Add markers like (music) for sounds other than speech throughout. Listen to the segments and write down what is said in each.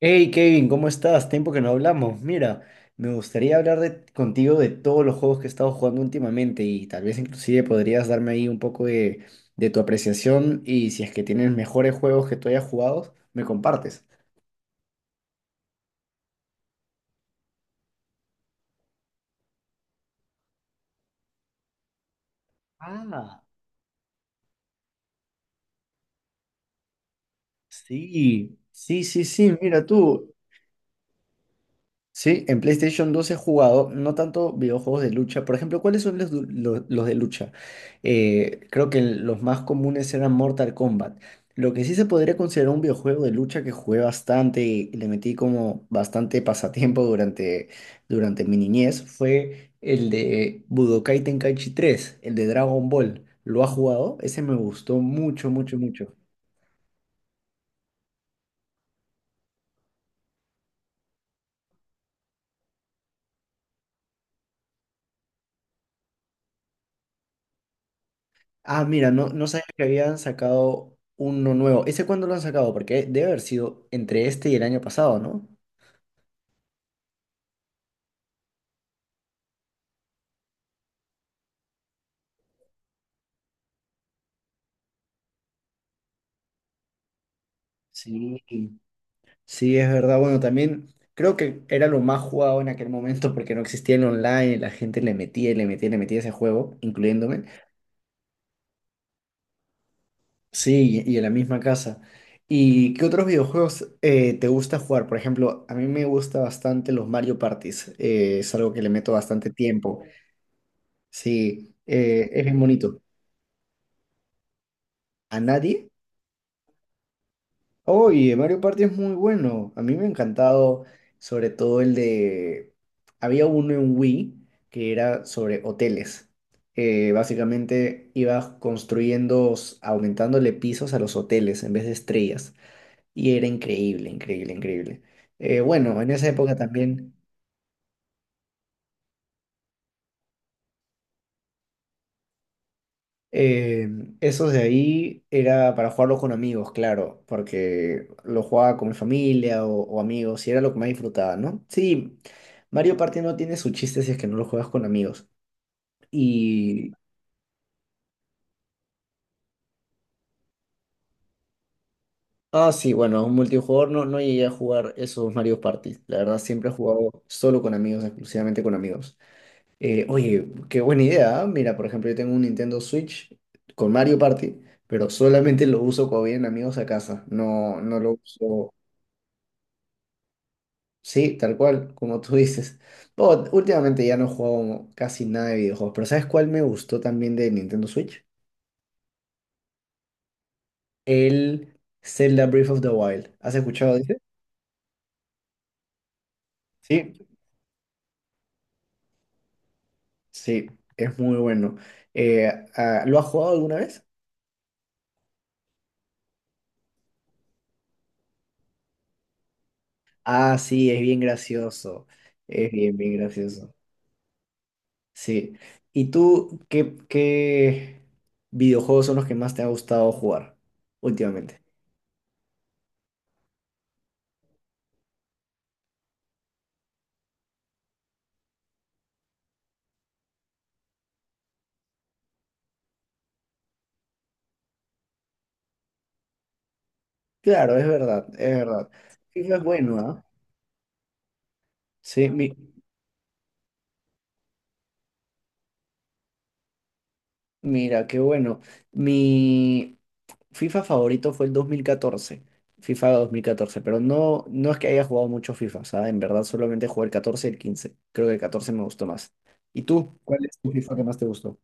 Hey Kevin, ¿cómo estás? Tiempo que no hablamos. Mira, me gustaría contigo de todos los juegos que he estado jugando últimamente y tal vez inclusive podrías darme ahí un poco de tu apreciación y si es que tienes mejores juegos que tú hayas jugado, me compartes. Ah, sí, sí, sí, sí, mira tú. Sí, en PlayStation 2 he jugado no tanto videojuegos de lucha. Por ejemplo, ¿cuáles son los de lucha? Creo que los más comunes eran Mortal Kombat. Lo que sí se podría considerar un videojuego de lucha que jugué bastante y le metí como bastante pasatiempo durante mi niñez fue el de Budokai Tenkaichi 3, el de Dragon Ball. ¿Lo ha jugado? Ese me gustó mucho, mucho, mucho. Ah, mira, no, no sabía que habían sacado uno nuevo. ¿Ese cuándo lo han sacado? Porque debe haber sido entre este y el año pasado, ¿no? Sí. Sí, es verdad. Bueno, también creo que era lo más jugado en aquel momento porque no existía el online, y la gente le metía y le metía y le metía ese juego, incluyéndome. Sí, y en la misma casa. ¿Y qué otros videojuegos te gusta jugar? Por ejemplo, a mí me gusta bastante los Mario Parties. Es algo que le meto bastante tiempo. Sí, es bien bonito. ¿A nadie? Oye, Mario Party es muy bueno. A mí me ha encantado, sobre todo el de... Había uno en Wii que era sobre hoteles. Básicamente ibas aumentándole pisos a los hoteles en vez de estrellas. Y era increíble, increíble, increíble. Bueno, en esa época también... Eh, Esos de ahí era para jugarlos con amigos, claro, porque lo jugaba con mi familia o amigos y era lo que más disfrutaba, ¿no? Sí, Mario Party no tiene su chiste si es que no lo juegas con amigos. Y... Ah, sí, bueno, un multijugador no, no llegué a jugar esos Mario Party. La verdad, siempre he jugado solo con amigos, exclusivamente con amigos. Oye, qué buena idea. ¿Ah? Mira, por ejemplo, yo tengo un Nintendo Switch con Mario Party, pero solamente lo uso cuando vienen amigos a casa. No, no lo uso. Sí, tal cual, como tú (laughs) dices. Oh, últimamente ya no juego casi nada de videojuegos, pero ¿sabes cuál me gustó también de Nintendo Switch? El Zelda Breath of the Wild. ¿Has escuchado de ese? Sí, sí, es muy bueno. Eh, ¿Lo has jugado alguna vez? Ah, sí, es bien gracioso. Es bien, bien gracioso. Sí. ¿Y tú qué videojuegos son los que más te ha gustado jugar últimamente? Claro, es verdad, es verdad. FIFA es bueno, ¿ah? Sí, mi, Mira, qué bueno. Mi FIFA favorito fue el 2014, FIFA 2014. Pero no, no es que haya jugado mucho FIFA, o sea, en verdad solamente jugué el 14 y el 15. Creo que el 14 me gustó más. ¿Y tú? ¿Cuál es tu FIFA que más te gustó?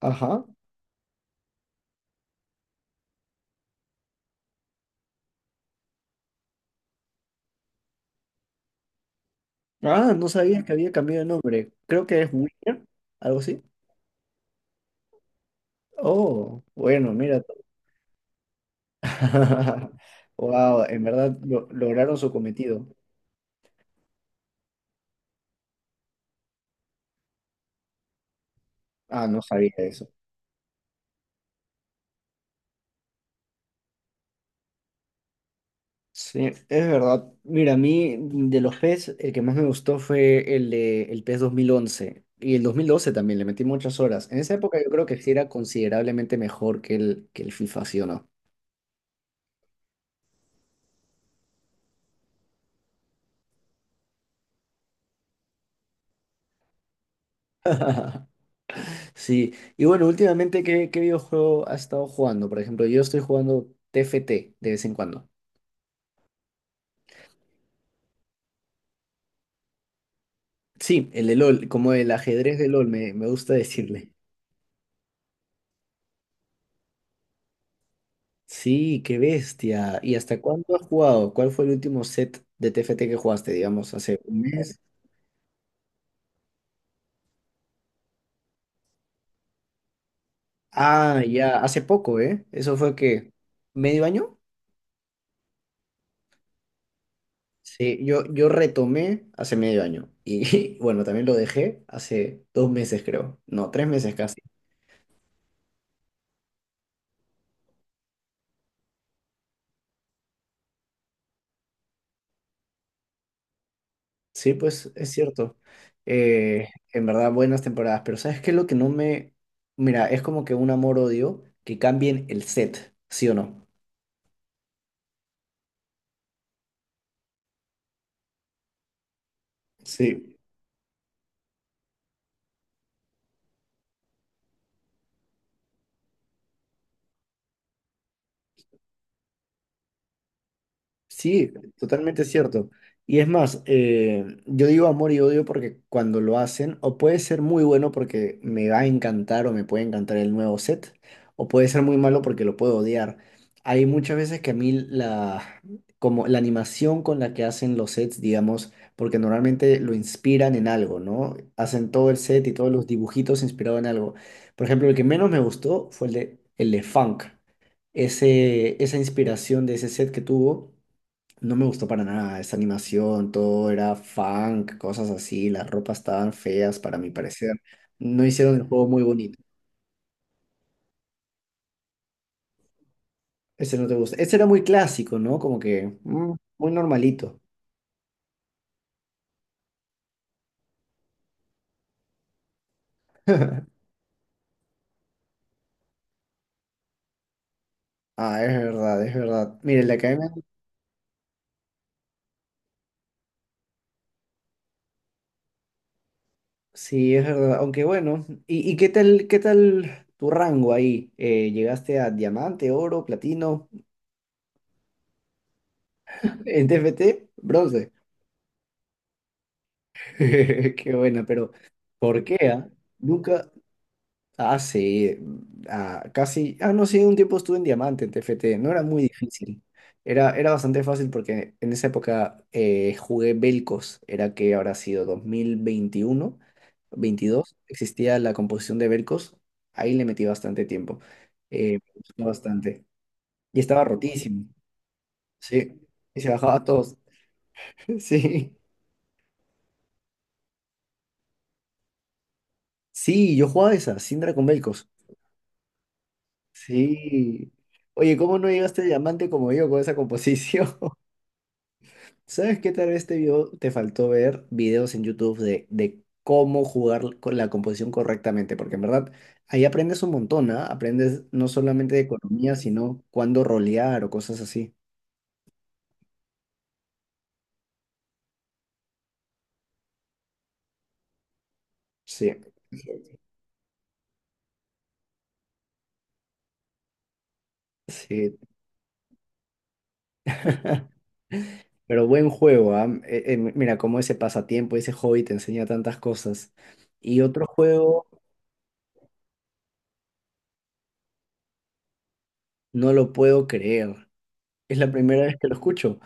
Ajá. Ah, no sabía que había cambiado de nombre. Creo que es Winner, algo así. Oh, bueno, mira. (laughs) Wow, en verdad lograron su cometido. Ah, no sabía eso. Sí, es verdad. Mira, a mí de los PES, el que más me gustó fue el de el PES 2011. Y el 2012 también, le metí muchas horas. En esa época yo creo que sí era considerablemente mejor que que el FIFA, ¿sí o no? (laughs) Sí, y bueno, últimamente, qué videojuego has estado jugando? Por ejemplo, yo estoy jugando TFT de vez en cuando. Sí, el de LOL, como el ajedrez de LOL, me gusta decirle. Sí, qué bestia. ¿Y hasta cuándo has jugado? ¿Cuál fue el último set de TFT que jugaste, digamos, hace un mes? Ah, ya, hace poco, ¿eh? Eso fue que medio año. Sí, yo retomé hace medio año. Y (laughs) bueno, también lo dejé hace dos meses, creo. No, tres meses casi. Sí, pues es cierto. Eh, en verdad, buenas temporadas. Pero ¿sabes qué? Lo que no me... Mira, es como que un amor-odio que cambien el set, ¿sí o no? Sí. Sí, totalmente cierto. Y es más, yo digo amor y odio porque cuando lo hacen, o puede ser muy bueno porque me va a encantar o me puede encantar el nuevo set, o puede ser muy malo porque lo puedo odiar. Hay muchas veces que a mí como la animación con la que hacen los sets, digamos, porque normalmente lo inspiran en algo, ¿no? Hacen todo el set y todos los dibujitos inspirados en algo. Por ejemplo, el que menos me gustó fue el de Funk, esa inspiración de ese set que tuvo. No me gustó para nada esa animación, todo era funk, cosas así, las ropas estaban feas para mi parecer. No hicieron el juego muy bonito. Ese no te gusta. Ese era muy clásico, ¿no? Como que muy normalito. (laughs) Ah, es verdad, es verdad. Mire, la academia, sí, es verdad. Aunque bueno, y qué tal tu rango ahí? ¿Llegaste a diamante, oro, platino, (laughs) en TFT bronce? (laughs) Qué buena, pero ¿por qué, ah? Nunca, Ah, sí, ah, casi, ah, no, sí, un tiempo estuve en Diamante, en TFT no era muy difícil, era bastante fácil porque en esa época jugué Belcos, era que habrá sido 2021 22 existía la composición de Belcos, ahí le metí bastante tiempo, me gustó bastante, y estaba rotísimo, sí, y se bajaba a todos, (laughs) sí, sí, yo jugaba esa, Syndra con Belcos, sí, oye, ¿cómo no llegaste a Diamante como yo con esa composición? ¿Sabes qué? Tal vez te faltó ver videos en YouTube de cómo jugar con la composición correctamente, porque en verdad ahí aprendes un montón, ¿ah? Aprendes no solamente de economía, sino cuándo rolear o cosas así. Sí, sí. (laughs) Pero buen juego, ¿ah? Mira, cómo ese pasatiempo, ese hobby te enseña tantas cosas. Y otro juego, no lo puedo creer. Es la primera vez que lo escucho.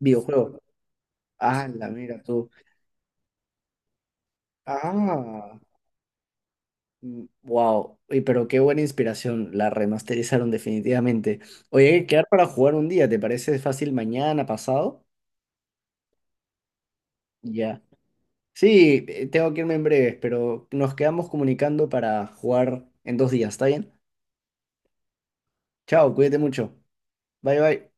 Videojuego. Ah, la mira tú. Ah. Wow, pero qué buena inspiración, la remasterizaron definitivamente. Oye, hay que quedar para jugar un día, ¿te parece fácil mañana, pasado? Ya. Sí, tengo que irme en breves, pero nos quedamos comunicando para jugar en 2 días, ¿está bien? Chao, cuídate mucho. Bye bye.